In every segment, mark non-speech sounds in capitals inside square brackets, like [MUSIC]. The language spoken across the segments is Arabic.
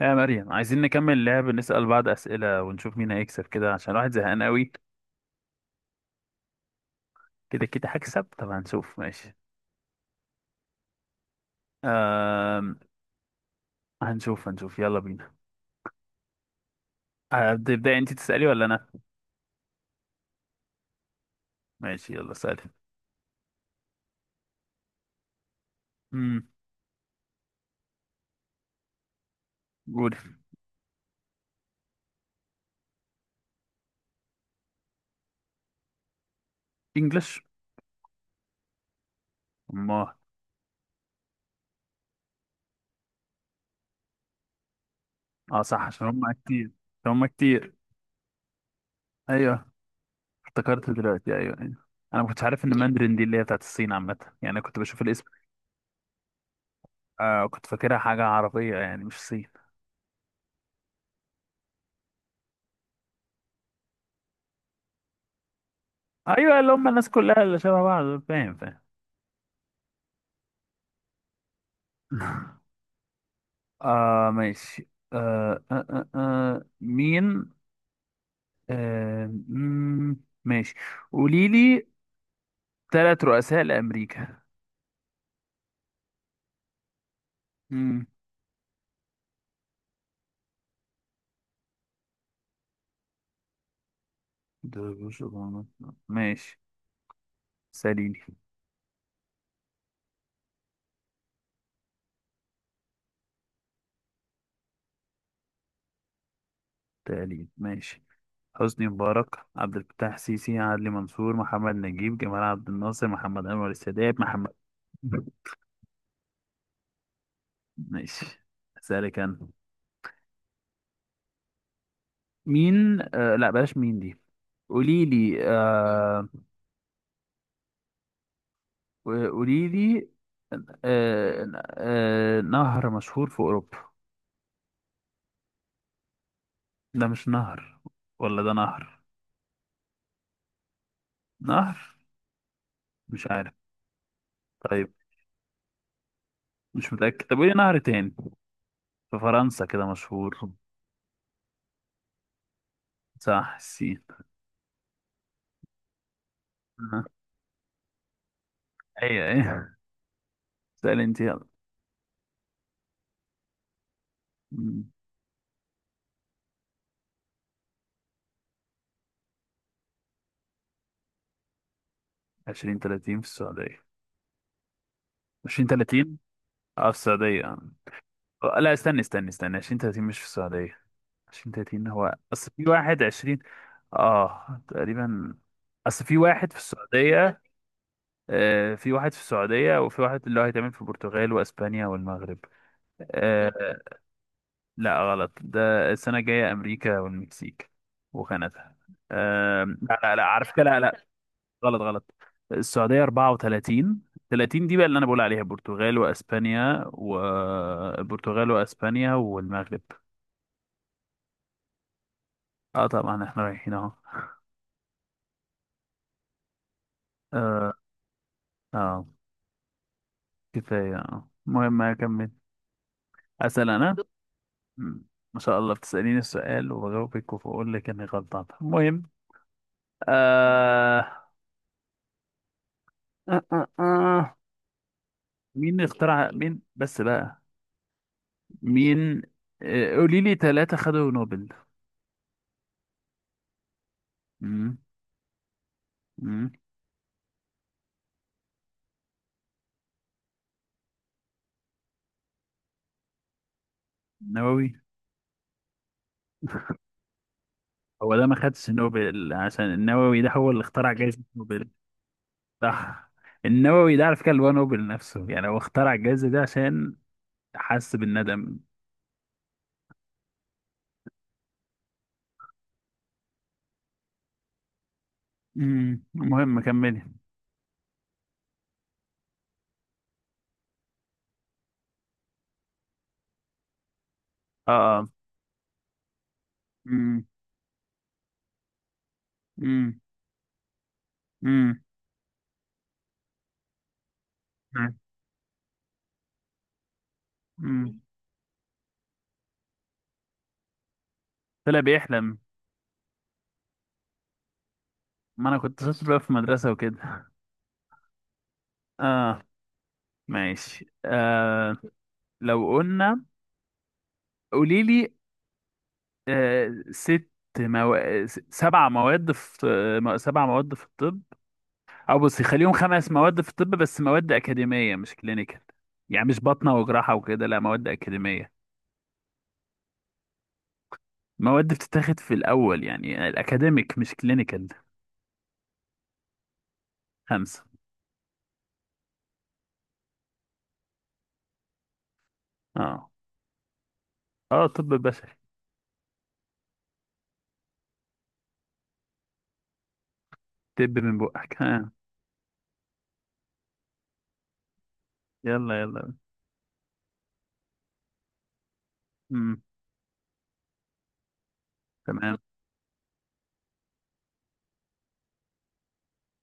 يا مريم عايزين نكمل لعب، نسأل بعض أسئلة ونشوف مين هيكسب كده عشان الواحد زهقان قوي. كده كده هكسب؟ طب هنشوف. ماشي. أم... هنشوف يلا بينا. هبدأ. ابدأي انت تسألي ولا أنا؟ ماشي يلا سألي. امم قولي. انجلش. ما اه صح، عشان هم كتير. عشان هم كتير. ايوه، افتكرت دلوقتي، ايوه. انا ما كنتش عارف ان ماندرين دي اللي هي بتاعت الصين عامة، يعني أنا كنت بشوف الاسم. آه، كنت فاكرها حاجة عربية يعني، مش صين. ايوه، اللي هم الناس كلها اللي شبه بعض، فاهم. [LAUGHS] ماشي. مين آه مم، ماشي، قولي لي ثلاث رؤساء لأمريكا. مم، ده بوش، أوباما. ماشي، ساليني. تقليد، ماشي. حسني مبارك، عبد الفتاح السيسي، عدلي منصور، محمد نجيب، جمال عبد الناصر، محمد أنور السادات، محمد... [LAUGHS] ماشي، أسألك أنا. مين آه لا بلاش مين دي. قولي لي، وقولي لي، آه نهر مشهور في أوروبا. ده مش نهر؟ ولا ده نهر؟ نهر. مش عارف. طيب، مش متأكد. طب قولي نهر تاني في فرنسا كده مشهور. صح، السين. آه، أيوه أيوه. سأل أنت يلا. مم، عشرين تلاتين في السعودية. عشرين تلاتين. اه، في السعودية. لا، استني، عشرين تلاتين مش في السعودية. عشرين تلاتين هو أصل في واحد عشرين. اه تقريبا. أصل في واحد في السعودية. في واحد في السعودية، وفي واحد اللي هو هيتعمل في البرتغال وأسبانيا والمغرب. آه، لا غلط، ده السنة الجاية أمريكا والمكسيك وكندا. لا، عارف كده، لا. غلط غلط. السعودية 34. 30 دي بقى اللي أنا بقول عليها، البرتغال وأسبانيا، والبرتغال وأسبانيا والمغرب. اه طبعا، احنا رايحين اهو. اه. آه، كفاية، اه المهم أكمل. أسأل أنا. مم. ما شاء الله، بتسأليني السؤال وبجاوبك وبقول لك اني غلطان. المهم... آه... آه... آه... آه. مين اللي اخترع؟ مين بس بقى؟ مين؟ قولي لي ثلاثة خدوا نوبل. مم. مم. نووي. هو ده ما خدش نوبل، عشان النووي ده هو اللي اخترع جائزة نوبل. صح. النووي ده على فكرة اللي هو نوبل نفسه يعني، هو اخترع الجائزة دي عشان حس بالندم. المهم كملي. اه اه. مم. مم. مم. مم. طلع بيحلم. ما انا كنت شاطر بقى في المدرسة وكده. اه، ماشي. لو قلنا، قولي لي ست، مو... سبع مواد في سبع مواد في الطب، او بصي خليهم خمس مواد في الطب، بس مواد اكاديمية مش كلينيكال. يعني مش باطنة وجراحة وكده، لا، مواد اكاديمية. مواد بتتاخد في الاول يعني، الاكاديميك مش كلينيكال. خمسة. اه اه، طب بشري. طب من بقك، ها! يلا يلا. امم تمام.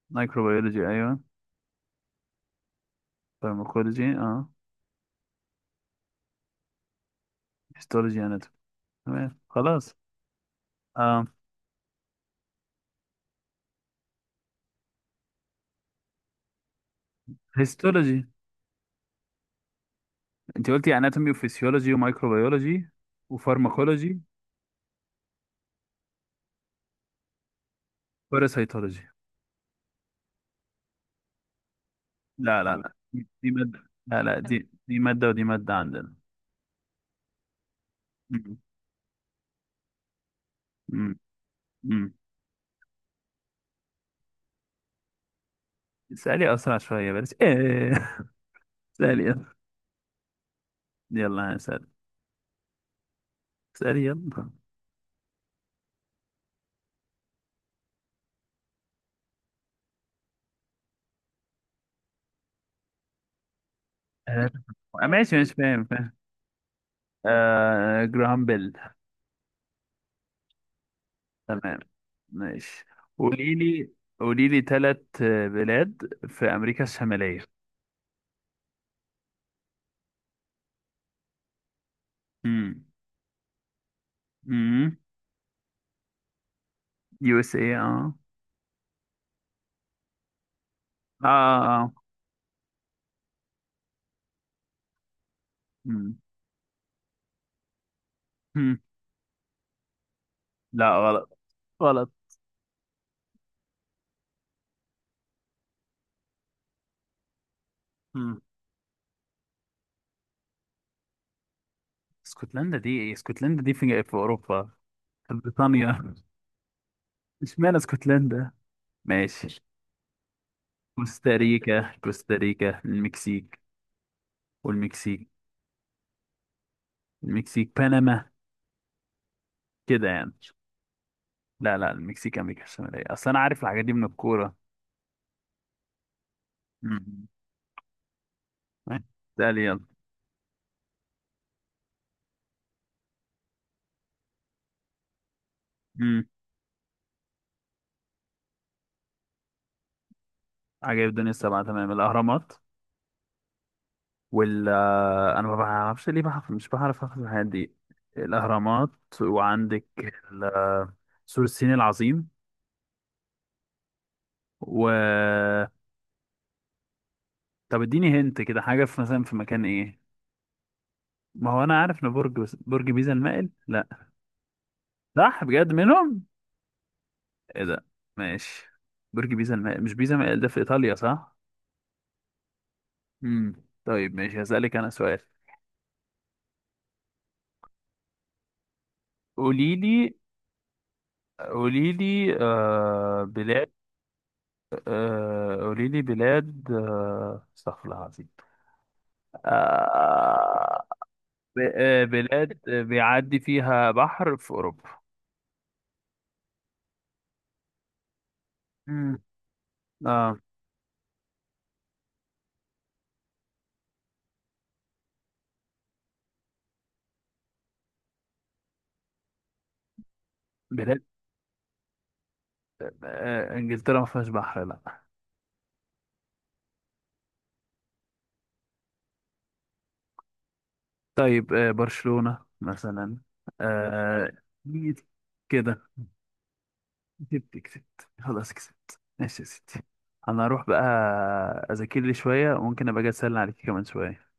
مايكروبيولوجي ايوه. فارماكولوجي اه. هيستولوجي، اناتومي. تمام، خلاص. آه. هيستولوجي. انت قلتي اناتومي وفسيولوجي ومايكروبيولوجي وفارماكولوجي وباراسيتولوجي. لا، دي مادة، لا، دي مادة ودي مادة عندنا. مم. مم. مم. اسألي أسرع شوية، بلاش ايه. [LAUGHS] اسألي يلا. يلا أنا هسأل. اسألي يلا. آه، ماشي ماشي، فاهم. آه، جراهام بيل. تمام، ماشي. قولي لي، قولي لي ثلاث بلاد في امريكا الشماليه. امم امم يو اس اي. اه اه اه. امم أمم. لا غلط، غلط. امم اسكتلندا دي ايه؟ اسكتلندا دي في اوروبا، في بريطانيا. [LAUGHS] اشمعنى اسكتلندا؟ ماشي، كوستاريكا. كوستاريكا، المكسيك. والمكسيك. المكسيك، بنما، كده يعني. لا لا، المكسيك امريكا الشماليه، اصل انا عارف الحاجات دي من الكوره. امم اسالي يلا. امم عجائب الدنيا السبعة. تمام، الأهرامات. وال أنا ما بعرفش ليه بعرف، مش بعرف أخد الحاجات دي. الأهرامات، وعندك ال... آه، سور الصين العظيم، و... طب اديني هنت كده حاجة في، مثلا في مكان. إيه؟ ما هو أنا عارف إن برج، برج بيزا المائل، لا؟ صح، بجد منهم. إيه ده! ماشي. برج بيزا المائل، مش بيزا المائل ده في إيطاليا؟ صح. امم، طيب ماشي، هسألك أنا سؤال. قولي لي، قولي لي بلاد، قولي لي بلاد، استغفر الله العظيم. آه، بلاد بيعدي فيها بحر في أوروبا. مم. اه، بلاد، إنجلترا ما فيهاش بحر، لا. طيب، برشلونة مثلا. آه، جيت كده. كسبت كسبت، خلاص كسبت، ماشي يا ستي. انا هروح بقى اذاكر لي شوية، وممكن ابقى اجي اسألني عليك كمان شوية.